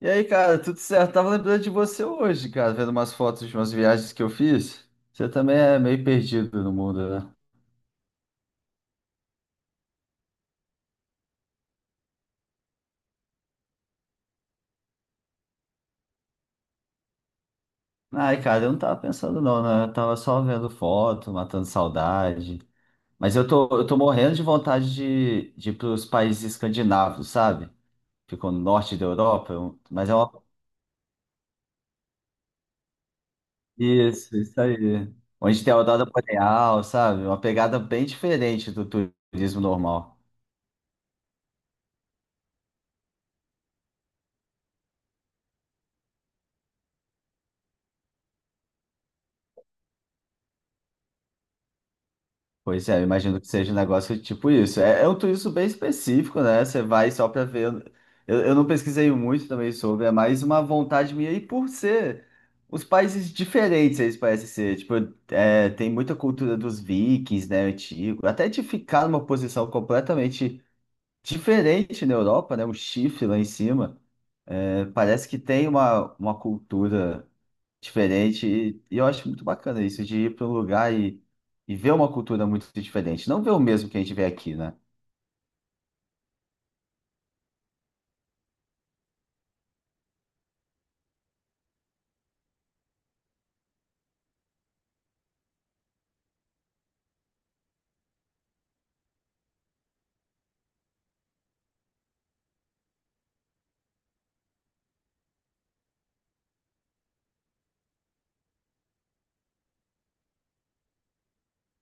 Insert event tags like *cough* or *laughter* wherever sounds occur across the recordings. E aí, cara, tudo certo? Tava lembrando de você hoje, cara, vendo umas fotos de umas viagens que eu fiz. Você também é meio perdido no mundo, né? Ai, cara, eu não tava pensando não, né? Eu tava só vendo foto, matando saudade. Mas eu tô morrendo de vontade de ir pros países escandinavos, sabe? Ficam no norte da Europa, mas é uma... Isso aí. Onde tem a aurora boreal, sabe? Uma pegada bem diferente do turismo normal. Pois é, eu imagino que seja um negócio tipo isso. É, é um turismo bem específico, né? Você vai só para ver. Eu não pesquisei muito também sobre, é mais uma vontade minha. E por ser os países diferentes, eles parecem ser. Tipo, é, tem muita cultura dos vikings, né? Antigo. Até de ficar numa posição completamente diferente na Europa, né? Um chifre lá em cima. É, parece que tem uma cultura diferente. E eu acho muito bacana isso, de ir para um lugar e ver uma cultura muito diferente. Não ver o mesmo que a gente vê aqui, né?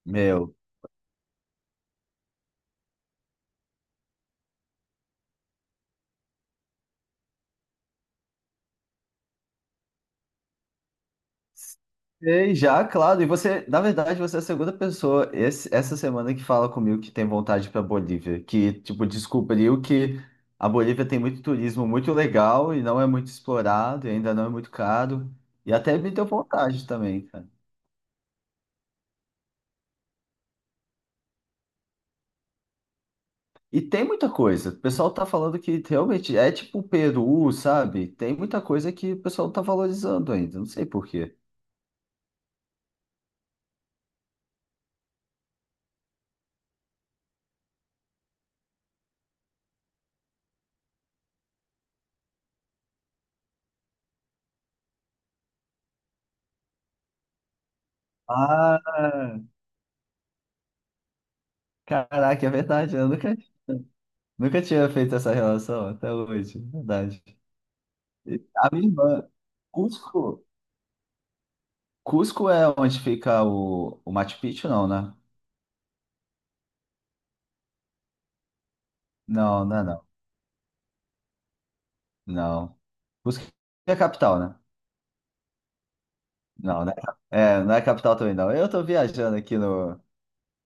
Meu. Sei, já, claro. E você, na verdade, você é a segunda pessoa essa semana que fala comigo que tem vontade para Bolívia, que, tipo, descobriu que a Bolívia tem muito turismo muito legal e não é muito explorado, e ainda não é muito caro. E até me deu vontade também. E tem muita coisa. O pessoal tá falando que realmente é tipo o Peru, sabe? Tem muita coisa que o pessoal não tá valorizando ainda. Não sei por quê. Ah, caraca, é verdade. Eu nunca, nunca tinha feito essa relação até hoje. É verdade. E a minha irmã. Cusco. Cusco é onde fica o Machu Picchu, não, né? Não, não é não. Não. Cusco é a capital, né? Não, não é, é, não é a capital também, não. Eu tô viajando aqui no,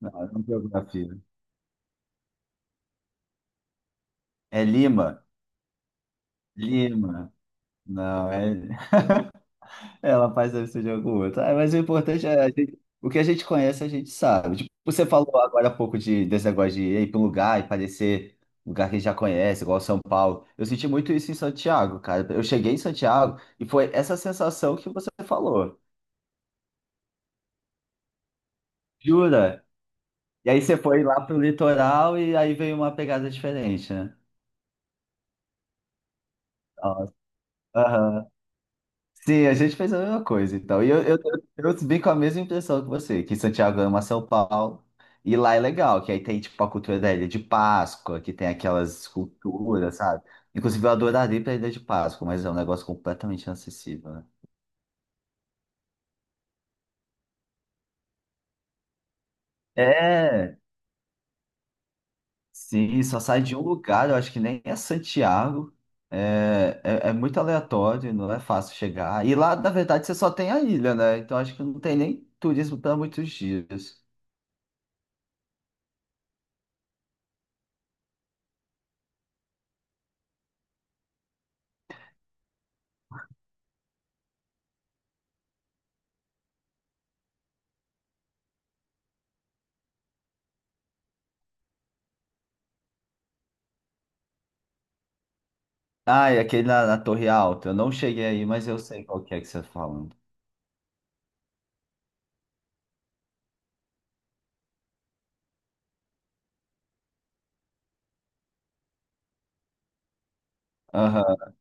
na, na geografia. É Lima. Lima. Não, é... *laughs* ela faz deve ser de algum outro. Ah, mas o importante é o que a gente conhece, a gente sabe. Tipo, você falou agora há pouco desse negócio de ir para um lugar e parecer um lugar que a gente já conhece, igual São Paulo. Eu senti muito isso em Santiago, cara. Eu cheguei em Santiago e foi essa sensação que você falou. Jura? E aí você foi lá pro litoral e aí veio uma pegada diferente, né? Nossa. Sim, a gente fez a mesma coisa e tal. Eu vim com a mesma impressão que você, que Santiago ama São Paulo. E lá é legal, que aí tem tipo a cultura da Ilha de Páscoa, que tem aquelas esculturas, sabe? Inclusive eu adoraria ir pra Ilha de Páscoa, mas é um negócio completamente inacessível, né? É, sim, só sai de um lugar, eu acho que nem é Santiago. É muito aleatório, não é fácil chegar. E lá, na verdade, você só tem a ilha, né? Então acho que não tem nem turismo para muitos dias. Ah, é aquele na Torre Alta. Eu não cheguei aí, mas eu sei qual que é que você tá falando. Aham.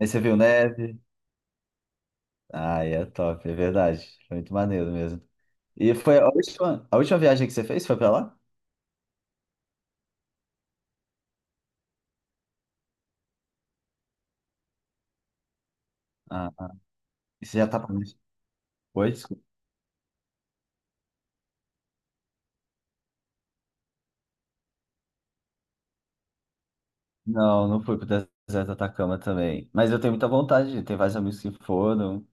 Aí você viu neve? Ah, é top, é verdade. Foi muito maneiro mesmo. E foi a última viagem que você fez? Foi pra lá? Ah, e você já tá planejando? Foi? Desculpa. Não, não fui pro deserto do Atacama também. Mas eu tenho muita vontade de ir, tem vários amigos que foram.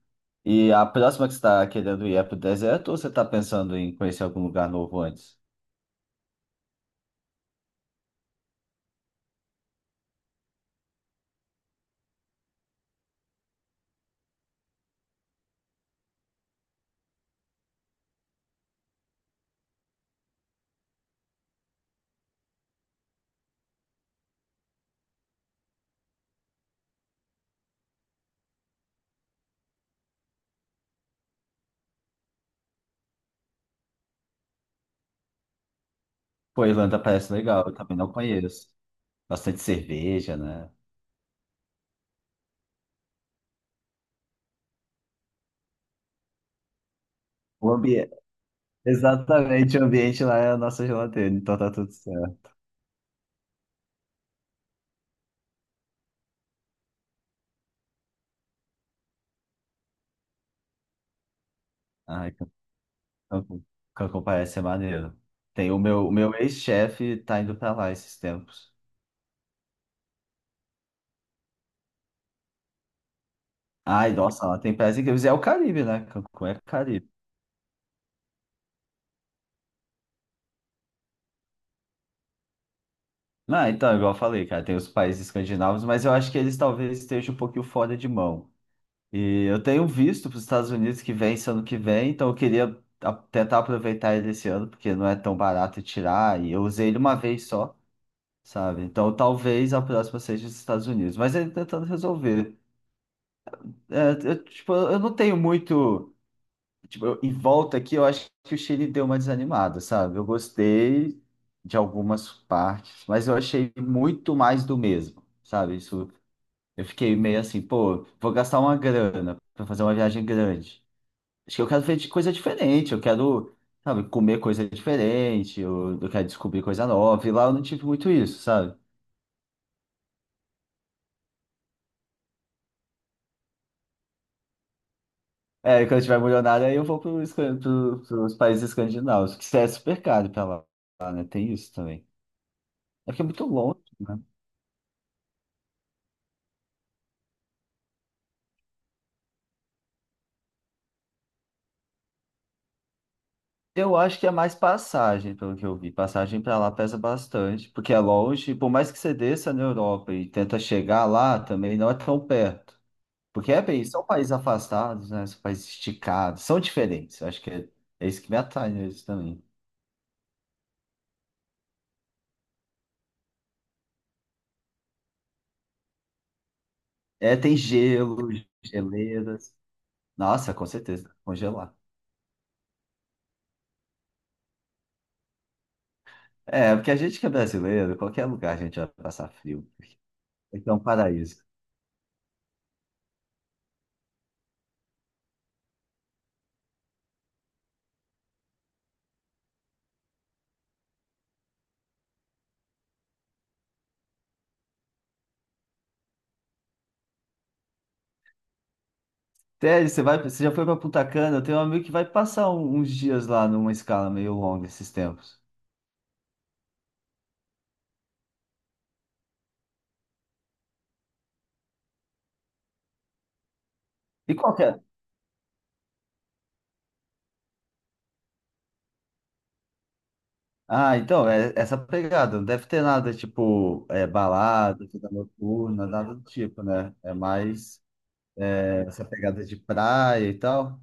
E a próxima que você tá querendo ir é pro deserto ou você está pensando em conhecer algum lugar novo antes? Pô, a Irlanda parece legal, eu também não conheço. Bastante cerveja, né? O ambi- Exatamente, o ambiente lá é a nossa geladeira, então tá tudo certo. Ai, Cancún Cancún parece ser maneiro. Tem o meu ex-chefe tá indo pra lá esses tempos. Ai, nossa, lá tem praias incríveis. É o Caribe, né? Cancún é Caribe. Ah, então, igual eu falei, cara, tem os países escandinavos, mas eu acho que eles talvez estejam um pouquinho fora de mão. E eu tenho visto para os Estados Unidos que vem ano que vem, então eu queria tentar aproveitar ele esse ano, porque não é tão barato tirar, e eu usei ele uma vez só. Sabe? Então talvez a próxima seja os Estados Unidos, mas ele tentando resolver. É, eu, tipo, eu não tenho muito. Tipo, em volta aqui, eu acho que o Chile deu uma desanimada, sabe? Eu gostei de algumas partes, mas eu achei muito mais do mesmo, sabe? Isso, eu fiquei meio assim, pô, vou gastar uma grana para fazer uma viagem grande. Acho que eu quero ver de coisa diferente, eu quero, sabe, comer coisa diferente, eu quero descobrir coisa nova, e lá eu não tive muito isso, sabe? É, quando eu tiver milionário, aí eu vou pros países escandinavos, que é super caro pra lá, né? Tem isso também. É porque é muito longe, né? Eu acho que é mais passagem, pelo que eu vi. Passagem para lá pesa bastante, porque é longe. Por mais que você desça na Europa e tenta chegar lá, também não é tão perto. Porque é bem, são países afastados, né? São países esticados, são diferentes. Eu acho que é, é isso que me atrai neles também. É, tem gelo, geleiras. Nossa, com certeza, congelar. É, porque a gente que é brasileiro, qualquer lugar a gente vai passar frio. Então, paraíso. Até você vai, você já foi para Punta Cana? Eu tenho um amigo que vai passar uns dias lá numa escala meio longa esses tempos. E qual que é? Ah, então, é essa pegada. Não deve ter nada tipo é, balada, vida noturna, nada do tipo, né? É mais é, essa pegada de praia e tal.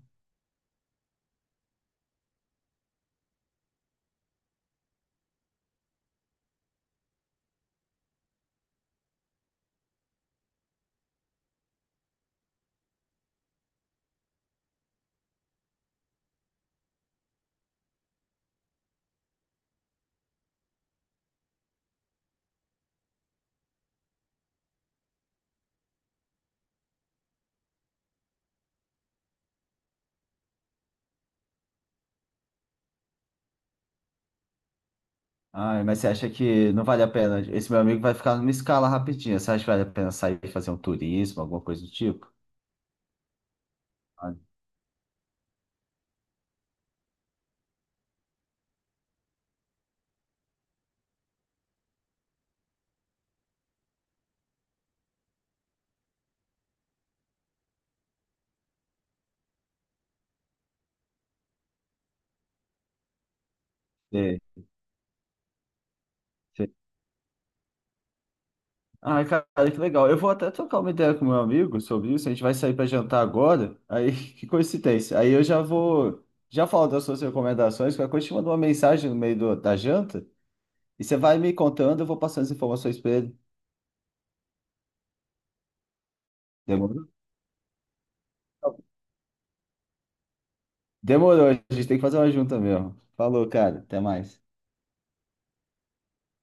Ai, mas você acha que não vale a pena? Esse meu amigo vai ficar numa escala rapidinha. Você acha que vale a pena sair e fazer um turismo, alguma coisa do tipo? Ah, não sei. Ai, cara, que legal. Eu vou até trocar uma ideia com meu amigo sobre isso. A gente vai sair para jantar agora. Aí, *laughs* que coincidência. Aí eu já vou, já falo das suas recomendações. Qualquer coisa, eu te mando uma mensagem no meio da janta e você vai me contando. Eu vou passando as informações para ele. Demorou? Demorou. A gente tem que fazer uma junta mesmo. Falou, cara. Até mais.